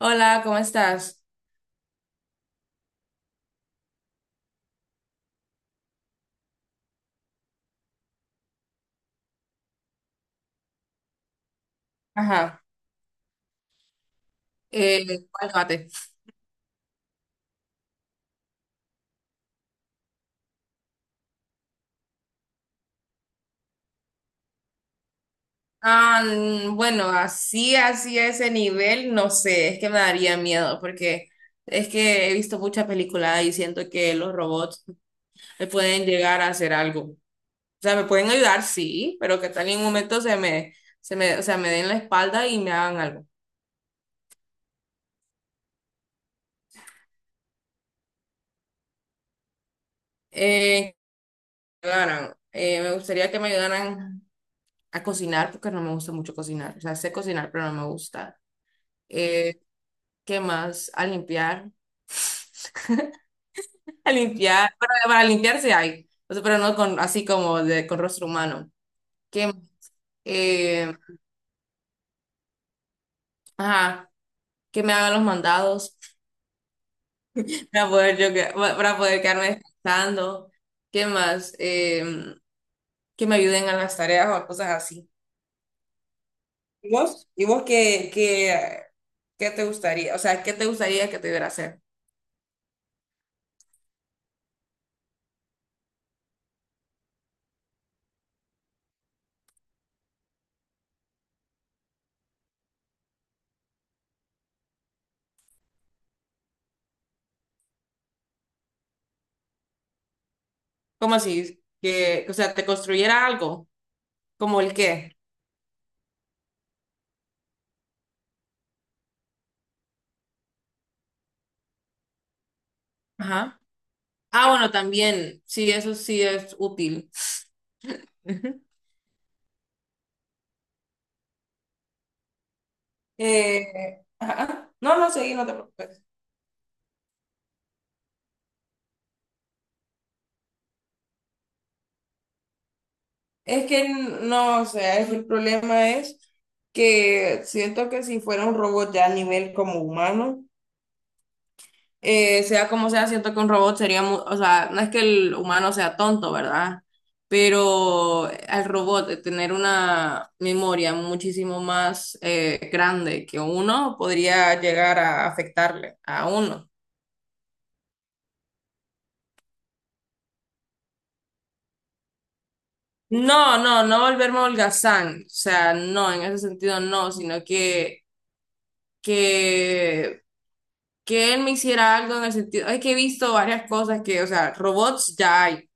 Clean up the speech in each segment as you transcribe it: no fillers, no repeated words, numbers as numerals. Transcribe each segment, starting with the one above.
Hola, ¿cómo estás? Ajá. Eh, ¿Cuál mate? Ah, bueno, así, así a ese nivel, no sé, es que me daría miedo porque es que he visto muchas películas y siento que los robots me pueden llegar a hacer algo. O sea, me pueden ayudar, sí, pero que tal en un momento se me, o sea, me den la espalda y me hagan algo. Eh, que me ayudaran. Me gustaría que me ayudaran a cocinar porque no me gusta mucho cocinar. O sea, sé cocinar, pero no me gusta. Eh, ¿Qué más? A limpiar. A limpiar, para limpiarse hay, o sea, pero no con así como de, con rostro humano. Que, eh, ajá, que me hagan los mandados para poder, yo, para poder quedarme descansando. ¿Qué más? Que me ayuden a las tareas o a cosas así. ¿Y vos? ¿Y vos qué te gustaría? O sea, ¿qué te gustaría que te hubiera hacer? ¿Cómo así? Que, o sea, te construyera algo. ¿Como el qué? Ajá. Ah, bueno, también, sí, eso sí es útil. Ajá. No, no, seguí, no te preocupes. Es que no, o sea, el problema es que siento que si fuera un robot ya a nivel como humano, sea como sea, siento que un robot sería, o sea, no es que el humano sea tonto, ¿verdad? Pero al robot de tener una memoria muchísimo más grande que uno podría llegar a afectarle a uno. No, no, no volverme holgazán, o sea, no, en ese sentido no, sino que, que él me hiciera algo en el sentido, es que he visto varias cosas que, o sea, robots ya hay,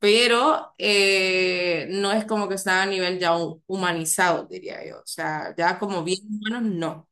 pero no es como que está a nivel ya humanizado, diría yo, o sea, ya como bien humanos, no.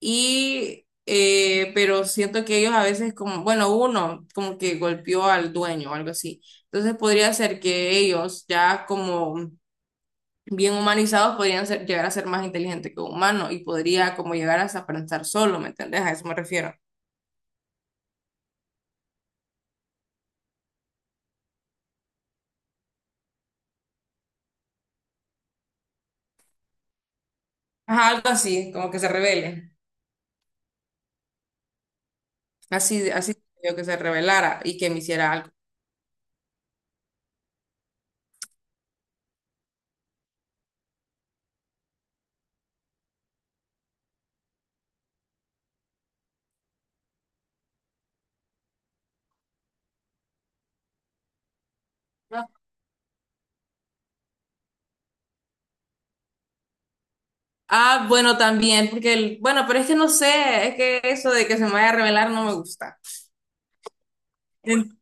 Y, pero siento que ellos a veces como, bueno, uno como que golpeó al dueño o algo así, entonces podría ser que ellos ya como... bien humanizados podrían ser, llegar a ser más inteligentes que un humano y podría como llegar hasta pensar solo, ¿me entendés? A eso me refiero. Ajá, algo así, como que se revele. Así, así yo que se revelara y que me hiciera algo. Ah, bueno, también, porque el, bueno, pero es que no sé, es que eso de que se me vaya a revelar no me gusta. En-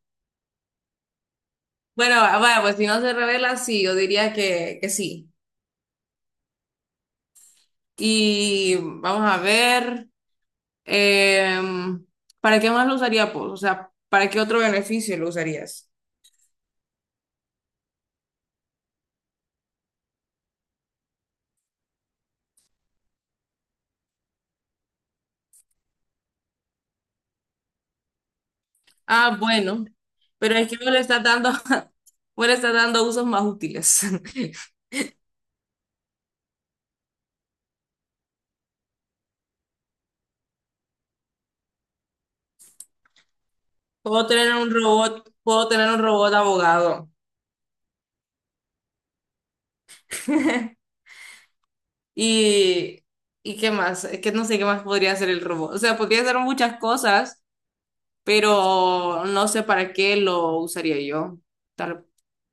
Bueno, ah, bueno, pues si no se revela, sí, yo diría que sí. Y vamos a ver, em, ¿para qué más lo usaría, pues? O sea, ¿para qué otro beneficio lo usarías? Ah, bueno, pero es que vos le estás dando, vos le estás dando usos más útiles. Puedo tener un robot, puedo tener un robot abogado. Y, ¿y qué más? Es que no sé qué más podría hacer el robot. O sea, podría hacer muchas cosas, pero no sé para qué lo usaría yo. Tal-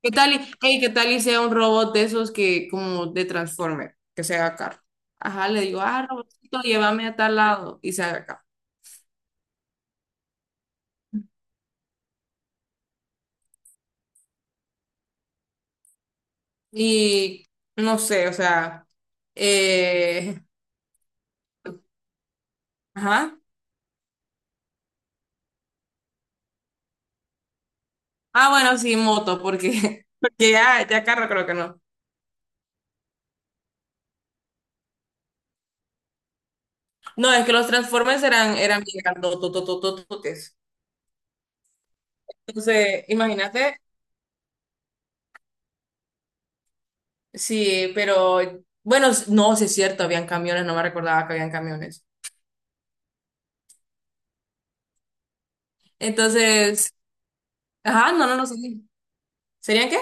¿Qué tal y, hey, qué tal y sea un robot de esos que como de Transformer, que se haga carro? Ajá, le digo, ah, robotito, llévame a tal lado y se haga carro. Y no sé, o sea, eh, ajá. Ah, bueno, sí, moto, porque, porque ya, ya carro creo que no. No, es que los Transformers eran bien grandotototototes. Entonces, imagínate, sí, pero bueno, no, sí es cierto, habían camiones, no me recordaba que habían camiones. Entonces, ajá, no, no, no, sí. ¿Serían qué?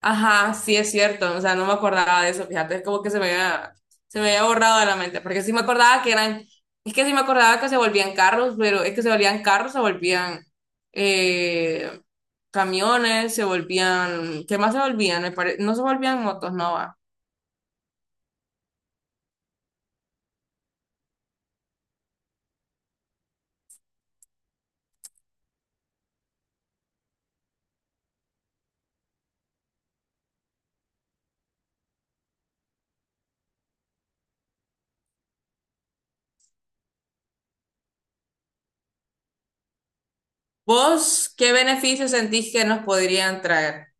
Ajá, sí es cierto, o sea, no me acordaba de eso, fíjate, es como que se me había borrado de la mente, porque sí me acordaba que eran, es que sí me acordaba que se volvían carros, pero es que se volvían carros, se volvían eh, camiones, se volvían, ¿qué más se volvían? No se volvían motos, no va. ¿Vos qué beneficios sentís que nos podrían traer?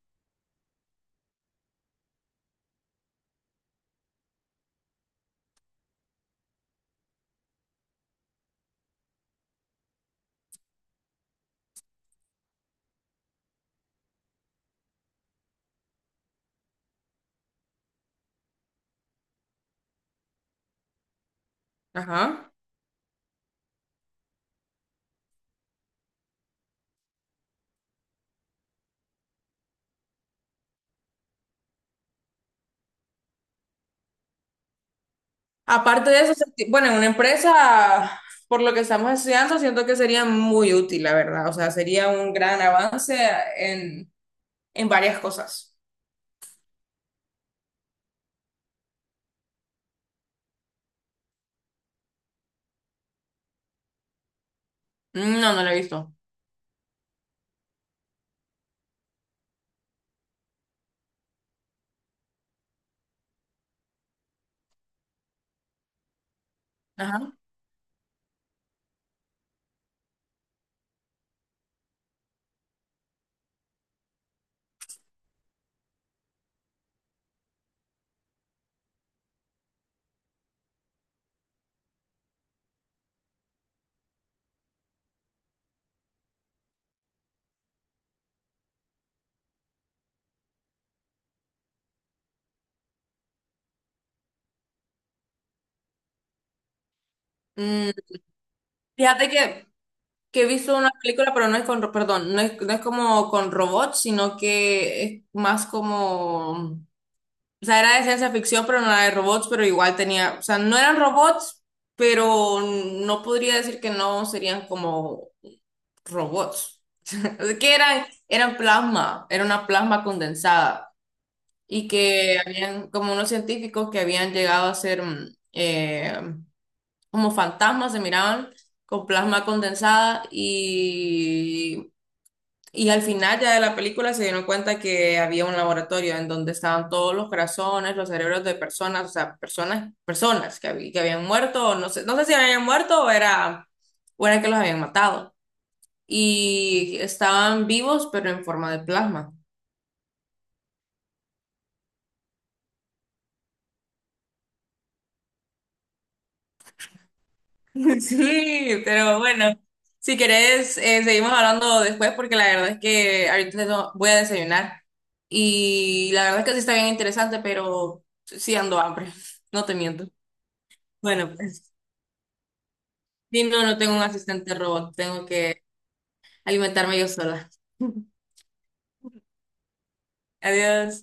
Ajá. Aparte de eso, bueno, en una empresa, por lo que estamos estudiando, siento que sería muy útil, la verdad. O sea, sería un gran avance en varias cosas. No, no la he visto. Ajá. Mm, fíjate que he visto una película, pero no es con, perdón, no es, no es como con robots, sino que es más como, o sea, era de ciencia ficción, pero no era de robots, pero igual tenía, o sea, no eran robots, pero no podría decir que no serían como robots. Es Que eran, eran plasma, era una plasma condensada y que habían como unos científicos que habían llegado a ser como fantasmas, se miraban con plasma condensada y al final ya de la película se dieron cuenta que había un laboratorio en donde estaban todos los corazones, los cerebros de personas, o sea, personas, personas que, que habían muerto, o no sé, no sé si habían muerto o era que los habían matado. Y estaban vivos, pero en forma de plasma. Sí, pero bueno, si querés, seguimos hablando después porque la verdad es que ahorita no voy a desayunar y la verdad es que sí está bien interesante, pero sí ando hambre, no te miento. Bueno, pues, sí, no, no tengo un asistente robot, tengo que alimentarme yo sola. Adiós.